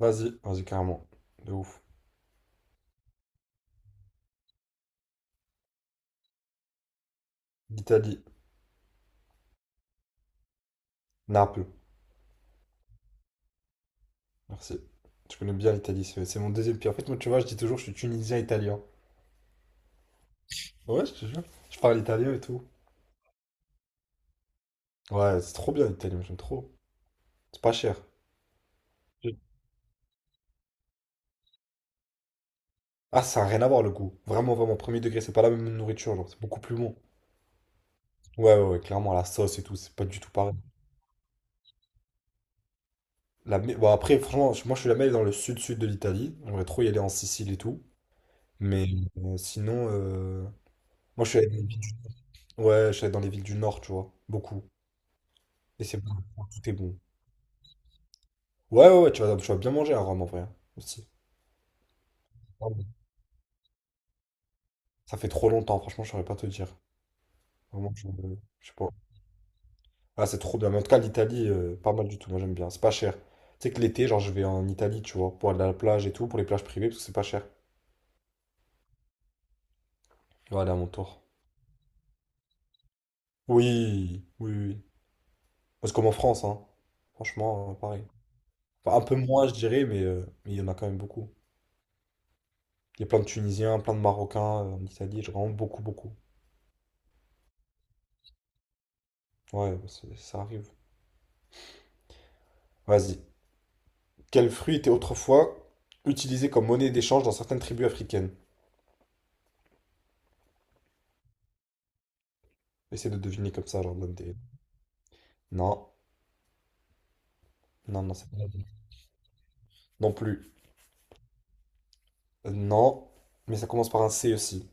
Vas-y, vas-y, carrément. De ouf. L'Italie, Naples, merci. Je connais bien l'Italie, c'est mon deuxième pays. En fait, moi, tu vois, je dis toujours, je suis tunisien-italien. Ouais, je te jure. Je parle italien et tout. Ouais, c'est trop bien l'Italie, moi, j'aime trop. C'est pas cher. Oui. Ah, ça a rien à voir le goût. Vraiment, vraiment, premier degré, c'est pas la même nourriture, genre, c'est beaucoup plus bon. Ouais, ouais, ouais, clairement, la sauce et tout, c'est pas du tout pareil. Bon, après, franchement, moi, je suis jamais allé dans le sud-sud de l'Italie. J'aimerais trop y aller en Sicile et tout. Mais sinon, moi, je suis allé dans les villes du... ouais, je suis allé dans les villes du nord, tu vois, beaucoup. Et c'est bon, tout est bon. Ouais, ouais, ouais, tu vas bien manger à Rome en vrai, hein. Aussi. Vraiment. Ça fait trop longtemps, franchement, je saurais pas te dire. Vraiment, je sais pas. Ah, c'est trop bien. Mais en tout cas, l'Italie, pas mal du tout. Moi, j'aime bien. C'est pas cher. Tu sais que l'été, genre, je vais en Italie, tu vois, pour aller à la plage et tout, pour les plages privées, parce que c'est pas cher. Je vais aller à mon tour. Oui, oui, oui. C'est comme en France, hein. Franchement, pareil. Enfin, un peu moins, je dirais, mais il y en a quand même beaucoup. Il y a plein de Tunisiens, plein de Marocains en Italie, genre, vraiment beaucoup, beaucoup. Ouais, ça arrive. Vas-y. Quel fruit était autrefois utilisé comme monnaie d'échange dans certaines tribus africaines? Essaie de deviner comme ça, genre. Non, non, non, c'est pas ça. Non plus. Non, mais ça commence par un C aussi.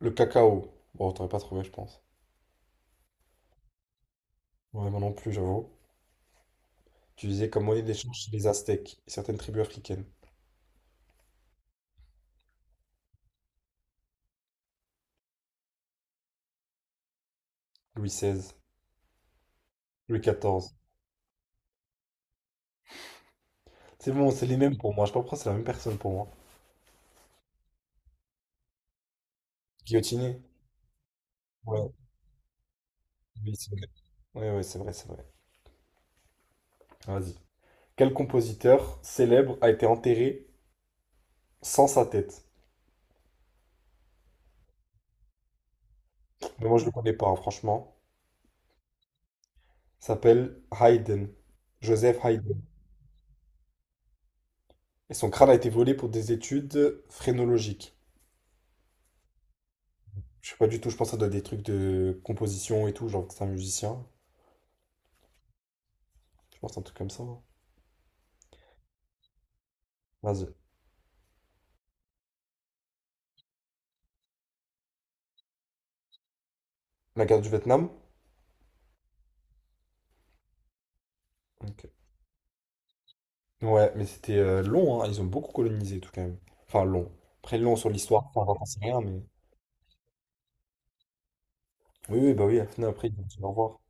Le cacao. Bon, t'aurais pas trouvé, je pense. Ouais, moi non plus, j'avoue. Utilisé comme monnaie d'échange chez les Aztèques et certaines tribus africaines. Louis XVI, Louis XIV. C'est bon, c'est les mêmes pour moi. Je sais pas pourquoi c'est la même personne pour moi. Guillotiné? Ouais, oui, c'est vrai. Ouais, ouais, c'est vrai, c'est vrai. Vas-y. Quel compositeur célèbre a été enterré sans sa tête? Mais moi, je le connais pas, hein, franchement. Il s'appelle Haydn, Joseph Haydn. Et son crâne a été volé pour des études phrénologiques. Je sais pas du tout, je pense que ça doit être des trucs de composition et tout, genre que c'est un musicien. Je pense que c'est un truc comme ça, hein. Vas-y. La guerre du Vietnam? Ok. Ouais, mais c'était long, hein. Ils ont beaucoup colonisé tout quand même. Enfin, long. Après, long sur l'histoire, enfin, j'en sais rien, mais... Oui, oui, bah oui, Athènes, après, ils vont se revoir.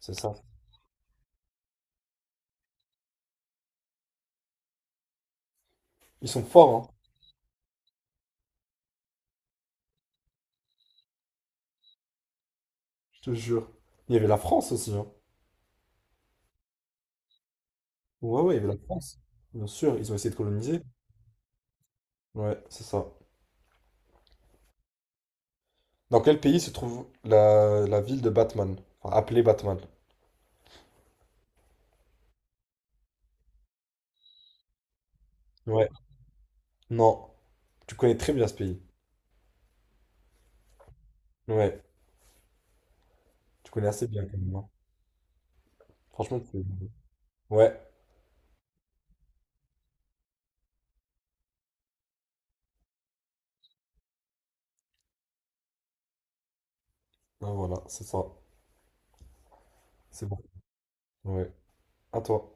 C'est ça. Ils sont forts, hein, je te jure. Il y avait la France aussi, hein. Ouais, ouais, il y avait la France. Bien sûr, ils ont essayé de coloniser. Ouais, c'est ça. Dans quel pays se trouve la ville de Batman? Enfin, appelée Batman. Ouais. Non. Tu connais très bien ce pays. Ouais. Tu connais assez bien quand même, hein. Franchement, bien. Ouais. Ben voilà, c'est ça. C'est bon. Ouais. À toi.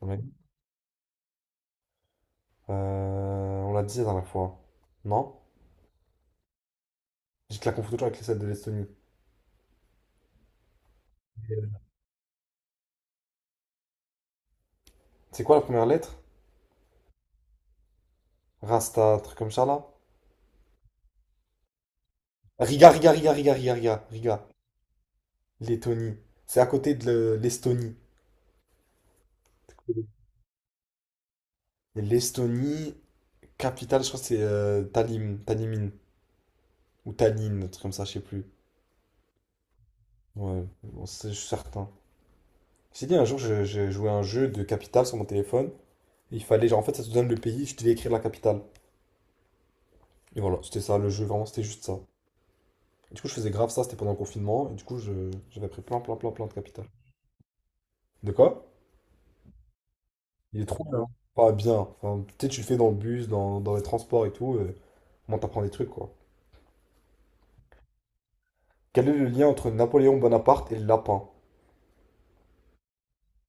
Ouais. On l'a dit la dernière fois. Non? Je te la confonds toujours avec celle de l'Estonie. Euh, C'est quoi la première lettre? Rasta, truc comme ça là? Riga, Riga, Riga, Riga, Riga, Riga, Riga. Lettonie. C'est à côté de l'Estonie. Et l'Estonie, capitale, je crois que c'est Talim, Talimine, ou Tallinn, un truc comme ça, je sais plus. Ouais, bon, je suis certain. J'ai dit un jour, j'ai joué à un jeu de capitale sur mon téléphone. Il fallait, genre, en fait, ça te donne le pays, je devais écrire la capitale. Et voilà, c'était ça, le jeu, vraiment, c'était juste ça. Et du coup, je faisais grave ça, c'était pendant le confinement, et du coup, j'avais pris plein, plein, plein, plein de capitales. De quoi? Il est trop bien. Pas bien. Enfin, tu sais, tu le fais dans le bus, dans les transports et tout, au moins, t'apprends des trucs, quoi. Quel est le lien entre Napoléon Bonaparte et le lapin?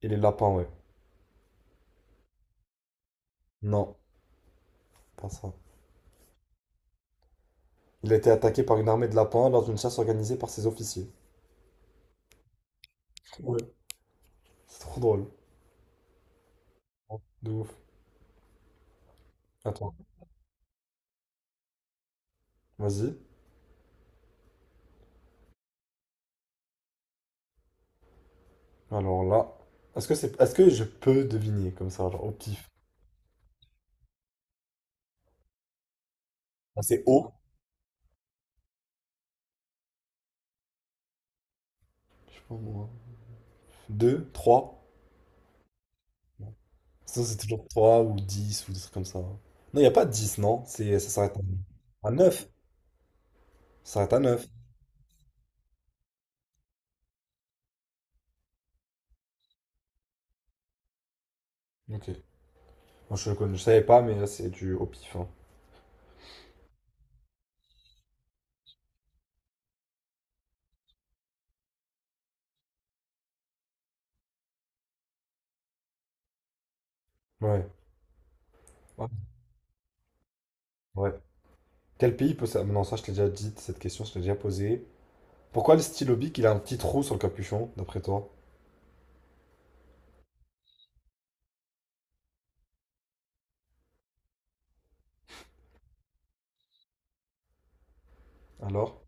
Et les lapins, ouais. Non, pas ça. Il a été attaqué par une armée de lapins lors d'une chasse organisée par ses officiers. Ouais. C'est trop drôle. De ouf. Attends, vas-y. Alors là, est-ce que je peux deviner comme ça, genre au pif? Ah, c'est haut. Je sais pas moi. 2, 3. Sinon c'est toujours 3 ou 10 ou des trucs comme ça. Non, il n'y a pas 10 non? C'est, ça s'arrête à 9. Ça s'arrête à 9. Ok. Moi, je le connais, je savais pas, mais là c'est du au pif, hein. Ouais. Ouais. Ouais. Quel pays peut ça... Non, ça je t'ai déjà dit, cette question, je t'ai déjà posée. Pourquoi le stylo bic, il a un petit trou sur le capuchon, d'après toi? Alors?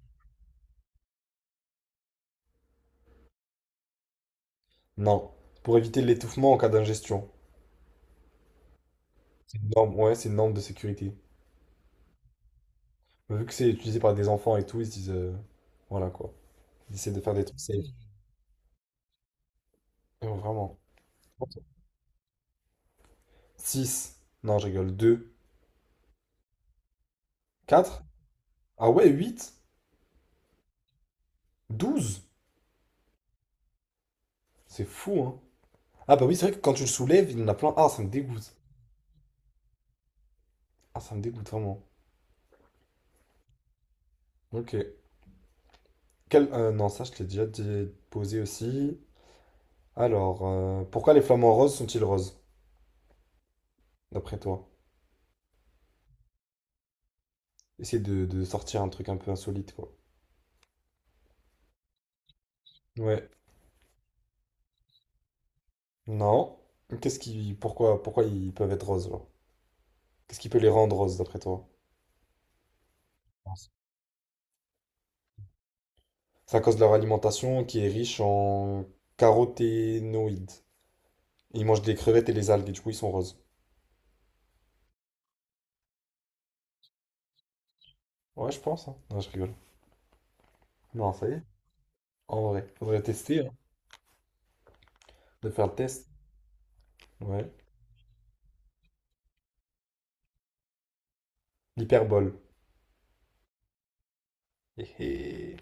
Non. Pour éviter l'étouffement en cas d'ingestion. C'est une norme, ouais, c'est une norme de sécurité. Mais vu que c'est utilisé par des enfants et tout, ils se disent... voilà, quoi. Ils essaient de faire des trucs safe. Vraiment. 6. Non, je rigole. 2. 4. Ah ouais, 8. 12. C'est fou, hein. Ah bah oui, c'est vrai que quand tu le soulèves, il y en a plein. Ah, ça me dégoûte. Ah, ça me dégoûte vraiment. Ok. Non, ça, je te l'ai déjà posé aussi. Alors, pourquoi les flamants roses sont-ils roses, d'après toi? Essayer de sortir un truc un peu insolite, quoi. Ouais. Non. Pourquoi, pourquoi ils peuvent être roses, genre? Qu'est-ce qui peut les rendre roses, d'après toi? C'est à cause de leur alimentation qui est riche en caroténoïdes. Ils mangent des crevettes et les algues, et du coup, ils sont roses. Ouais, je pense, hein. Non, je rigole. Non, ça y est. En vrai, faudrait tester, hein, de faire le test. Ouais. L'hyperbole. Hé hé.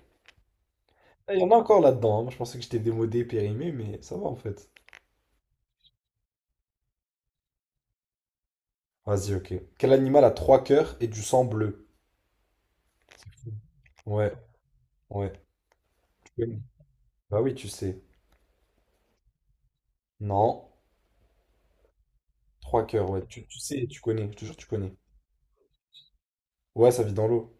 Ah, il y en a encore là-dedans, hein. Moi, je pensais que j'étais démodé, périmé, mais ça va en fait. Vas-y, ok. Quel animal a trois cœurs et du sang bleu? Ouais, ouais. Connais. Bah oui, tu sais. Non. Trois cœurs, ouais. Tu sais, tu connais, je te jure, tu connais. Ouais, ça vit dans l'eau.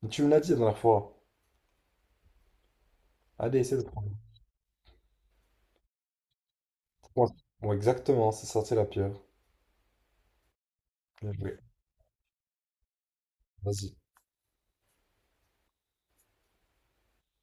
Mais tu me l'as dit la dernière fois. Allez, essaie de prendre. Ouais, exactement, c'est sorti la pierre. Bien joué. Vas-y.